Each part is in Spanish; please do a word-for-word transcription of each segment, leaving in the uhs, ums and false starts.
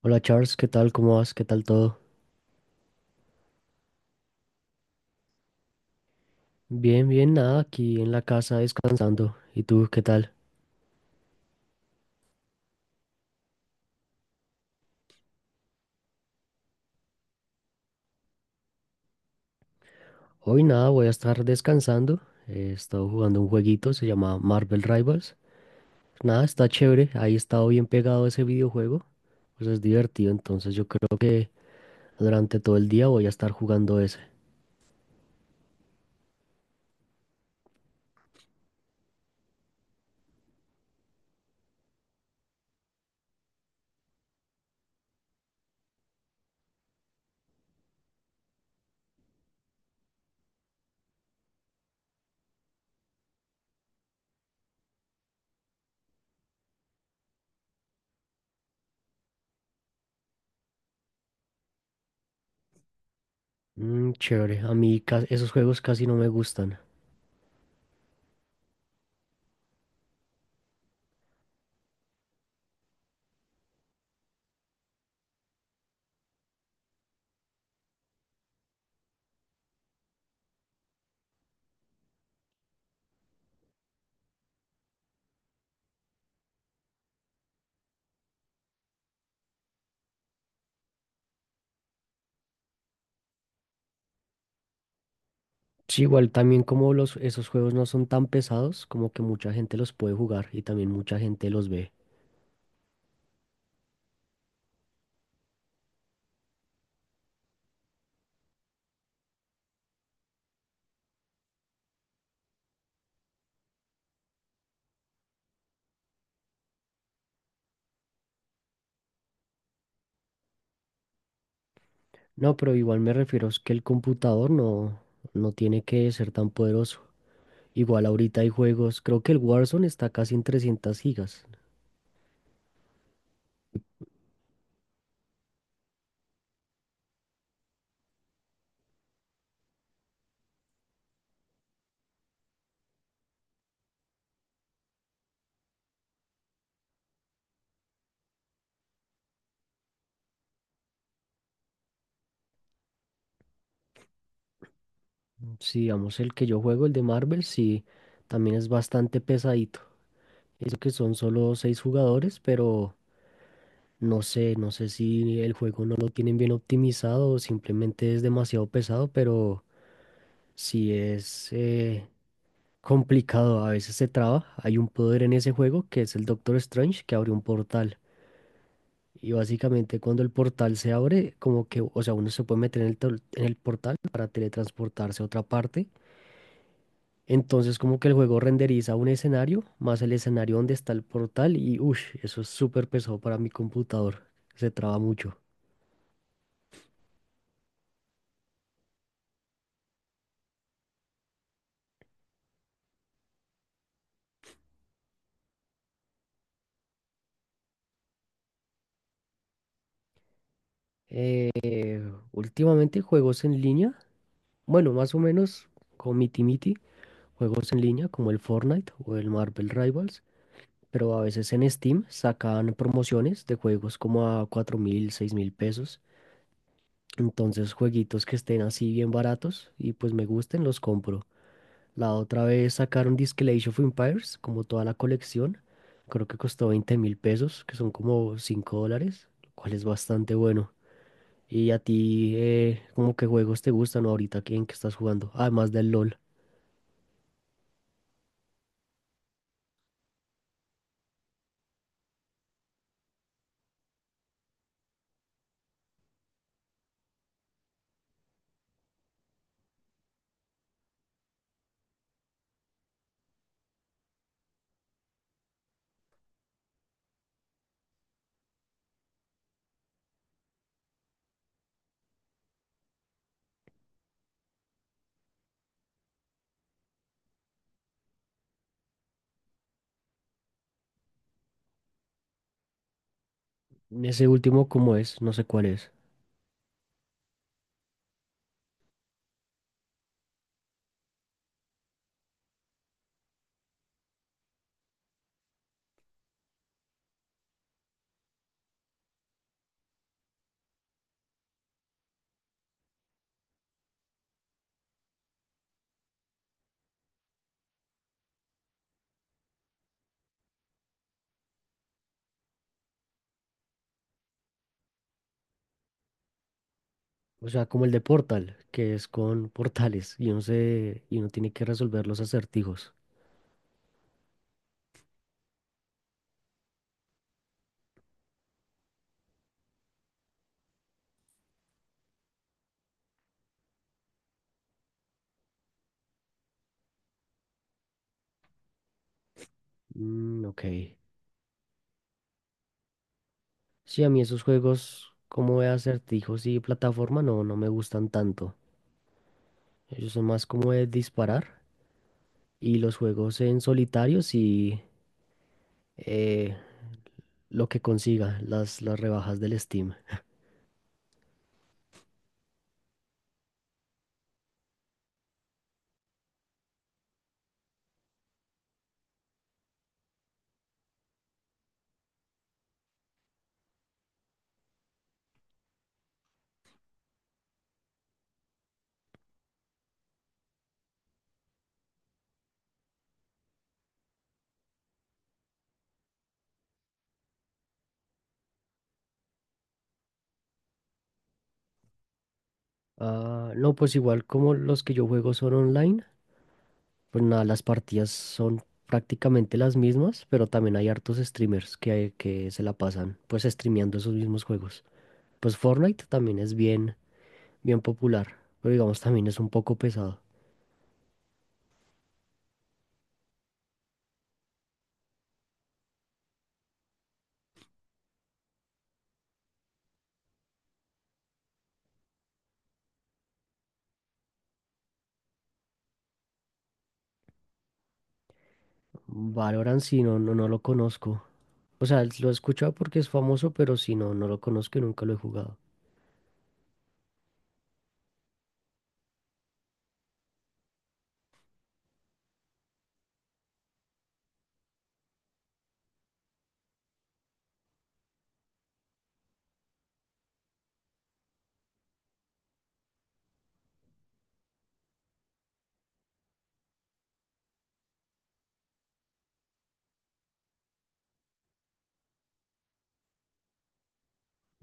Hola Charles, ¿qué tal? ¿Cómo vas? ¿Qué tal todo? Bien, bien, nada, aquí en la casa descansando. ¿Y tú qué tal? Hoy nada, voy a estar descansando. He estado jugando un jueguito, se llama Marvel Rivals. Nada, está chévere, ahí he estado bien pegado a ese videojuego. Pues es divertido, entonces yo creo que durante todo el día voy a estar jugando ese. Mm, chévere, a mí ca- esos juegos casi no me gustan. Sí, igual también como los, esos juegos no son tan pesados, como que mucha gente los puede jugar y también mucha gente los ve. No, pero igual me refiero es que el computador no, no tiene que ser tan poderoso. Igual ahorita hay juegos, creo que el Warzone está casi en trescientas gigas. Si digamos el que yo juego, el de Marvel, sí, también es bastante pesadito. Eso que son solo seis jugadores, pero no sé, no sé si el juego no lo tienen bien optimizado o simplemente es demasiado pesado, pero sí es eh, complicado. A veces se traba. Hay un poder en ese juego que es el Doctor Strange que abre un portal. Y básicamente cuando el portal se abre, como que, o sea, uno se puede meter en el, tol- en el portal para teletransportarse a otra parte. Entonces como que el juego renderiza un escenario, más el escenario donde está el portal y, uff, eso es súper pesado para mi computador. Se traba mucho. Eh, últimamente juegos en línea, bueno, más o menos con Miti Miti, juegos en línea como el Fortnite o el Marvel Rivals. Pero a veces en Steam sacan promociones de juegos como a cuatro mil, seis mil pesos. Entonces, jueguitos que estén así bien baratos y pues me gusten, los compro. La otra vez sacaron Disque Age of Empires, como toda la colección. Creo que costó veinte mil pesos, que son como cinco dólares, lo cual es bastante bueno. ¿Y a ti, eh, como qué juegos te gustan ahorita? ¿En qué estás jugando? Además del L O L. Ese último, ¿cómo es? No sé cuál es. O sea, como el de Portal, que es con portales y uno se, y uno tiene que resolver los acertijos. Mm, ok. Sí, a mí esos juegos como de acertijos y plataforma no, no me gustan tanto. Ellos son más como de disparar y los juegos en solitario sí eh, lo que consiga, las, las rebajas del Steam. Ah, no, pues igual como los que yo juego son online. Pues nada, las partidas son prácticamente las mismas, pero también hay hartos streamers que, que se la pasan pues streameando esos mismos juegos. Pues Fortnite también es bien, bien popular, pero digamos también es un poco pesado. Valorant sí, no, no, no lo conozco. O sea, lo he escuchado porque es famoso, pero si no, no lo conozco y nunca lo he jugado.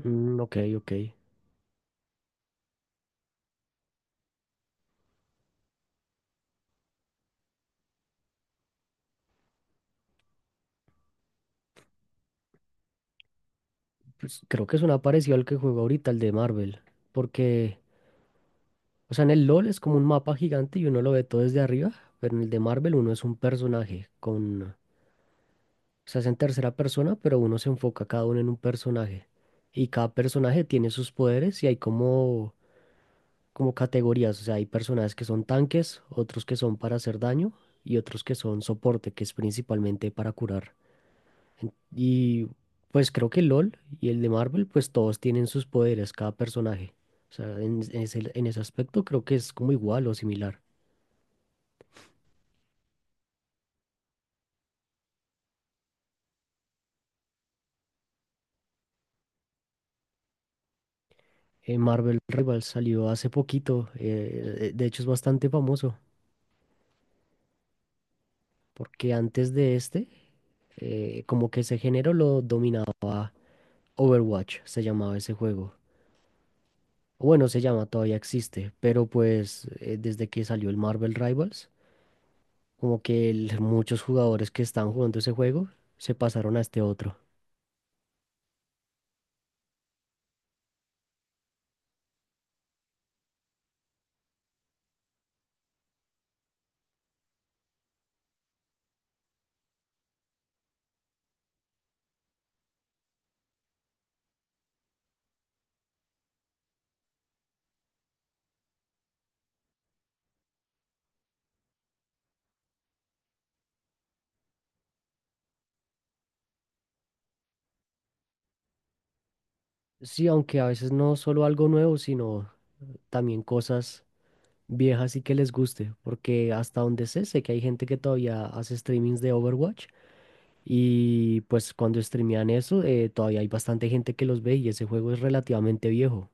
Mm, ok, ok. Pues creo que es una parecido al que juego ahorita, el de Marvel, porque o sea, en el L O L es como un mapa gigante y uno lo ve todo desde arriba, pero en el de Marvel uno es un personaje con... O sea, es en tercera persona, pero uno se enfoca cada uno en un personaje. Y cada personaje tiene sus poderes y hay como, como categorías. O sea, hay personajes que son tanques, otros que son para hacer daño y otros que son soporte, que es principalmente para curar. En- Y pues creo que L O L y el de Marvel, pues todos tienen sus poderes, cada personaje. O sea, en en ese en ese aspecto creo que es como igual o similar. Eh, Marvel Rivals salió hace poquito, eh, eh, de hecho es bastante famoso, porque antes de este, eh, como que ese género lo dominaba Overwatch, se llamaba ese juego. O bueno, se llama, todavía existe, pero pues eh, desde que salió el Marvel Rivals, como que el- muchos jugadores que están jugando ese juego se pasaron a este otro. Sí, aunque a veces no solo algo nuevo, sino también cosas viejas y que les guste, porque hasta donde sé, sé que hay gente que todavía hace streamings de Overwatch y pues cuando streamean eso, eh, todavía hay bastante gente que los ve y ese juego es relativamente viejo.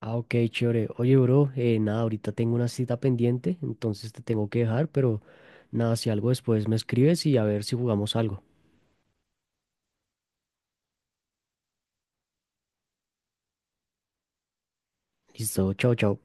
Ah, ok, chévere. Oye, bro, eh, nada, ahorita tengo una cita pendiente, entonces te tengo que dejar, pero nada, si algo después me escribes y a ver si jugamos algo. Listo, chao, chao.